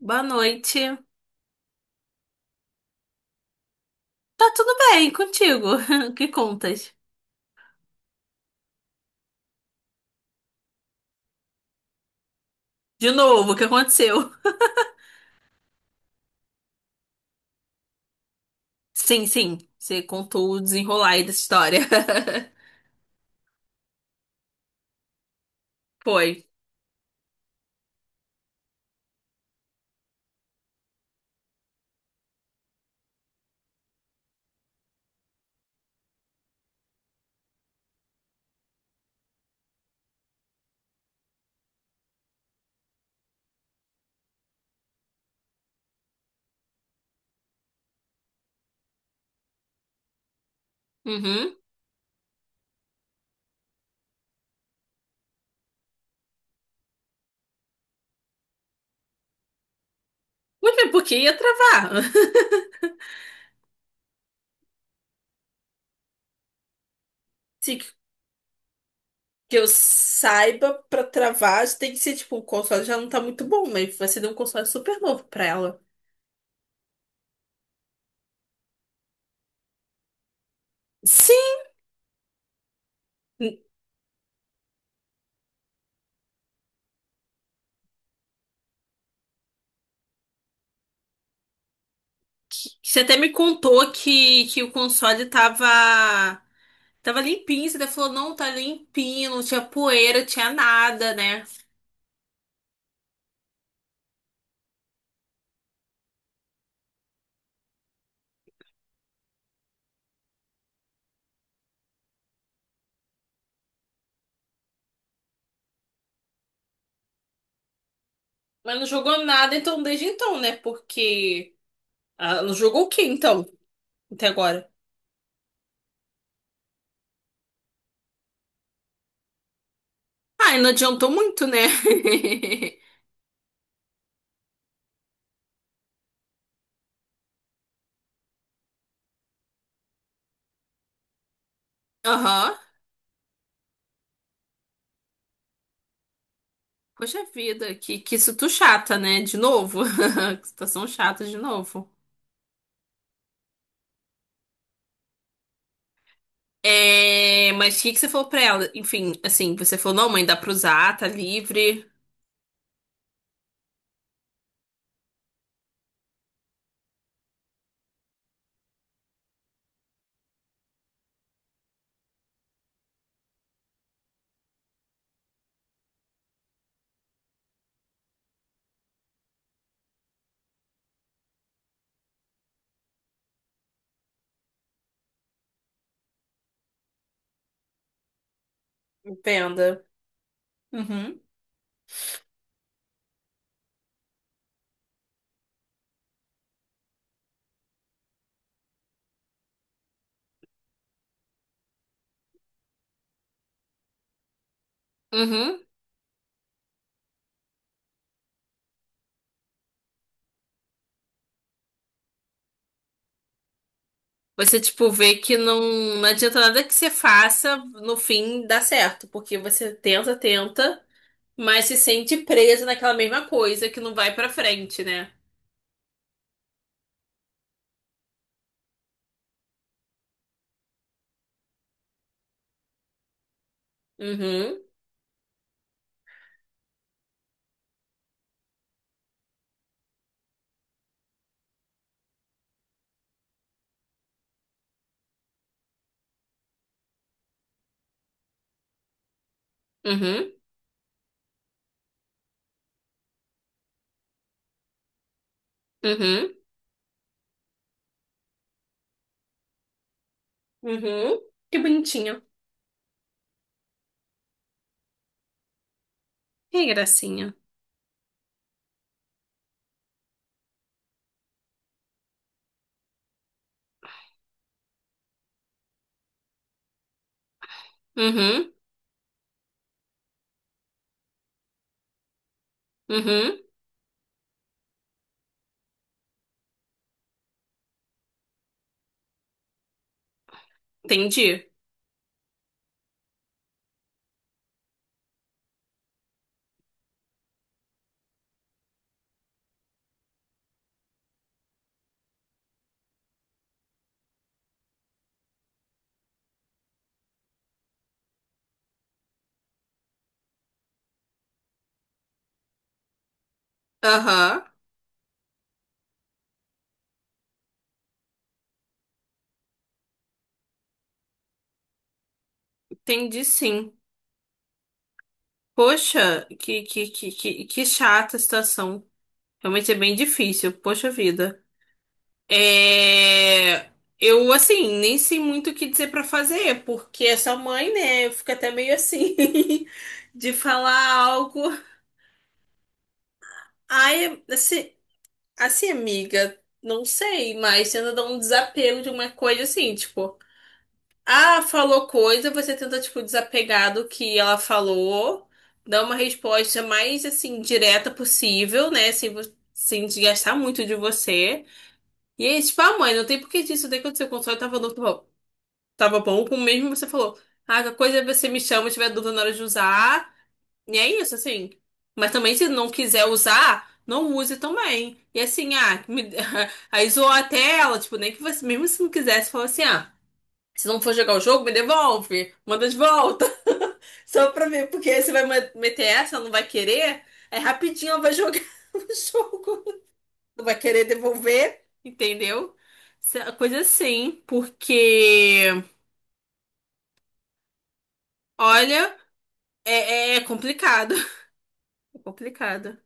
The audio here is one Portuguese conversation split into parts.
Boa noite. Tá tudo bem contigo? O que contas? De novo, o que aconteceu? Sim. Você contou o desenrolar aí dessa história. Foi. Uhum. Muito bem, porque ia travar. Se que eu saiba, pra travar, tem que ser tipo, o console já não tá muito bom, mas você deu um console super novo pra ela. Sim! Você até me contou que o console tava, tava limpinho. Você até falou, não, tá limpinho, não tinha poeira, não tinha nada, né? Mas não jogou nada então desde então, né? Porque ah, não jogou o que então? Até agora. Ah, e não adiantou muito, né? Aham. Poxa vida, que isso tu chata, né? De novo. Que situação chata de novo. É, mas o que que você falou pra ela? Enfim, assim, você falou, não, mãe, dá pra usar, tá livre. Entenda. Uhum. Uhum. Você, tipo, vê que não, não adianta nada que você faça, no fim dá certo. Porque você tenta, tenta. Mas se sente presa naquela mesma coisa que não vai pra frente, né? Uhum, uhum, uhum, uhum. Que bonitinho. Que gracinha. Uhum, uhum. Entendi. Aham, entendi sim. Poxa, que chata a situação. Realmente é bem difícil. Poxa vida. É... Eu, assim, nem sei muito o que dizer pra fazer, porque essa mãe, né, fica até meio assim, de falar algo. Ai, assim. Assim, amiga, não sei, mas tenta dar um desapego de uma coisa assim, tipo, ah, falou coisa, você tenta, tipo, desapegar do que ela falou, dar uma resposta mais, assim, direta possível, né, sem, sem desgastar muito de você. E aí, tipo, ah, mãe, não tem por que disso daí acontecer, o console tava, tava bom, como mesmo você falou. Ah, a coisa é você me chama, se tiver dúvida na hora de usar. E é isso, assim. Mas também, se não quiser usar, não use também. E assim, ah, me... aí zoou a tela, tipo, nem que você, mesmo se não quisesse, falou assim, ah, se não for jogar o jogo, me devolve, manda de volta. Só pra ver porque aí você vai meter essa, não vai querer, aí rapidinho ela vai jogar o jogo. Não vai querer devolver, entendeu? Essa coisa assim, porque, olha, é complicado. É complicado.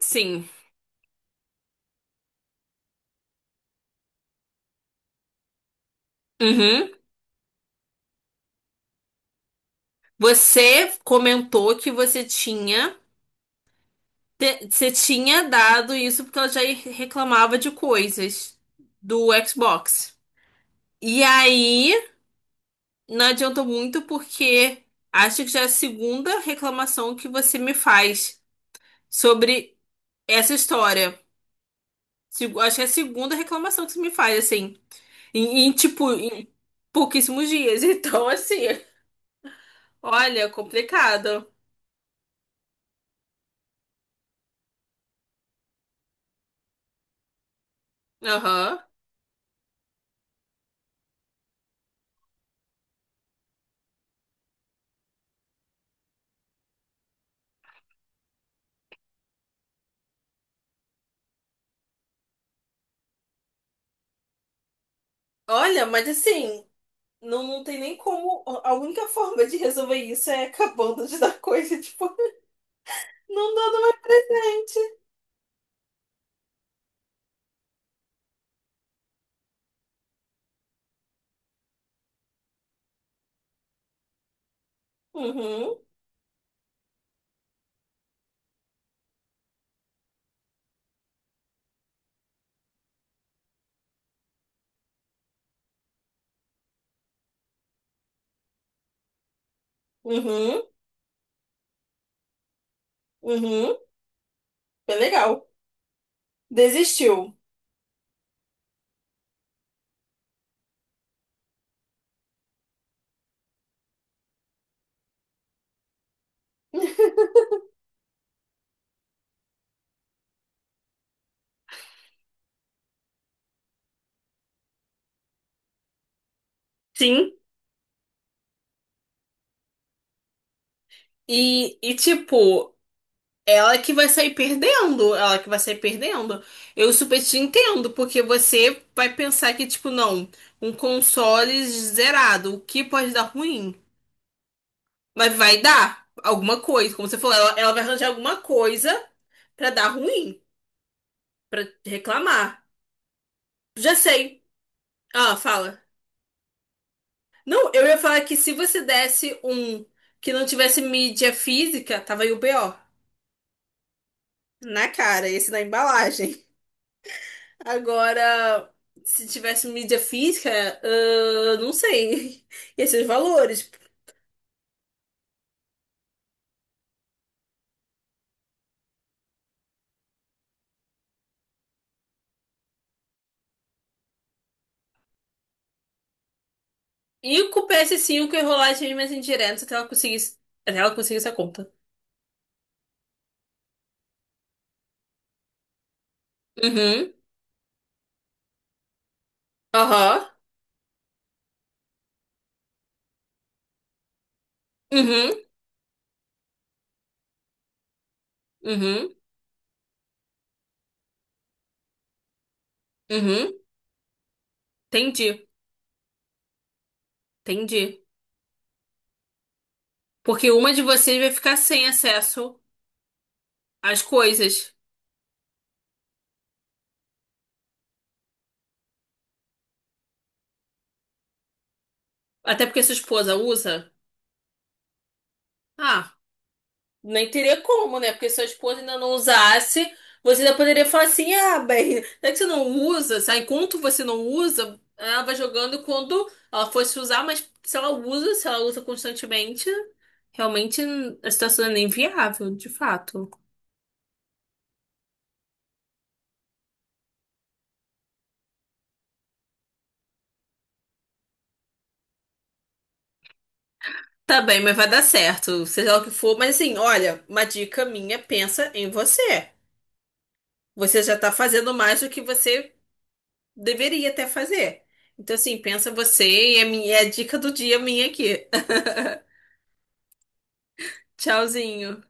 Sim. Uhum. Você comentou que você tinha, você tinha dado isso porque ela já reclamava de coisas do Xbox. E aí, não adiantou muito porque acho que já é a segunda reclamação que você me faz sobre essa história. Acho que é a segunda reclamação que você me faz, assim, em, tipo, em pouquíssimos dias. Então, assim, olha, complicado. Aham. Olha, mas assim. Não, não tem nem como. A única forma de resolver isso é acabando de dar coisa. Tipo, não dá doente. Uhum, uhum, uhum. É legal. Desistiu. Sim, e tipo, ela que vai sair perdendo, ela que vai sair perdendo. Eu super te entendo, porque você vai pensar que, tipo, não, um console zerado, o que pode dar ruim? Mas vai dar alguma coisa, como você falou, ela vai arranjar alguma coisa pra dar ruim. Pra reclamar. Já sei. Ah, fala. Não, eu ia falar que se você desse um que não tivesse mídia física, tava aí o BO. Na cara, esse na embalagem. Agora, se tivesse mídia física, ah, não sei. Ia ser os valores. E com o PS5 ia rolar as mesmas indiretas até ela conseguisse a conta. Uhum. Aham. Uhum. Uhum. Uhum. Entendi. Entendi. Porque uma de vocês vai ficar sem acesso as coisas. Até porque sua esposa usa. Ah, nem teria como, né? Porque se a esposa ainda não usasse, você ainda poderia falar assim: ah, bem, não é que você não usa, sabe? Enquanto você não usa, ela vai jogando e quando ela fosse usar, mas se ela usa, se ela usa constantemente, realmente a situação é inviável, de fato. Tá bem, mas vai dar certo, seja lá o que for. Mas assim, olha, uma dica minha, pensa em você. Você já tá fazendo mais do que você deveria até fazer. Então, assim, pensa você e a minha, é a dica do dia minha aqui. Tchauzinho.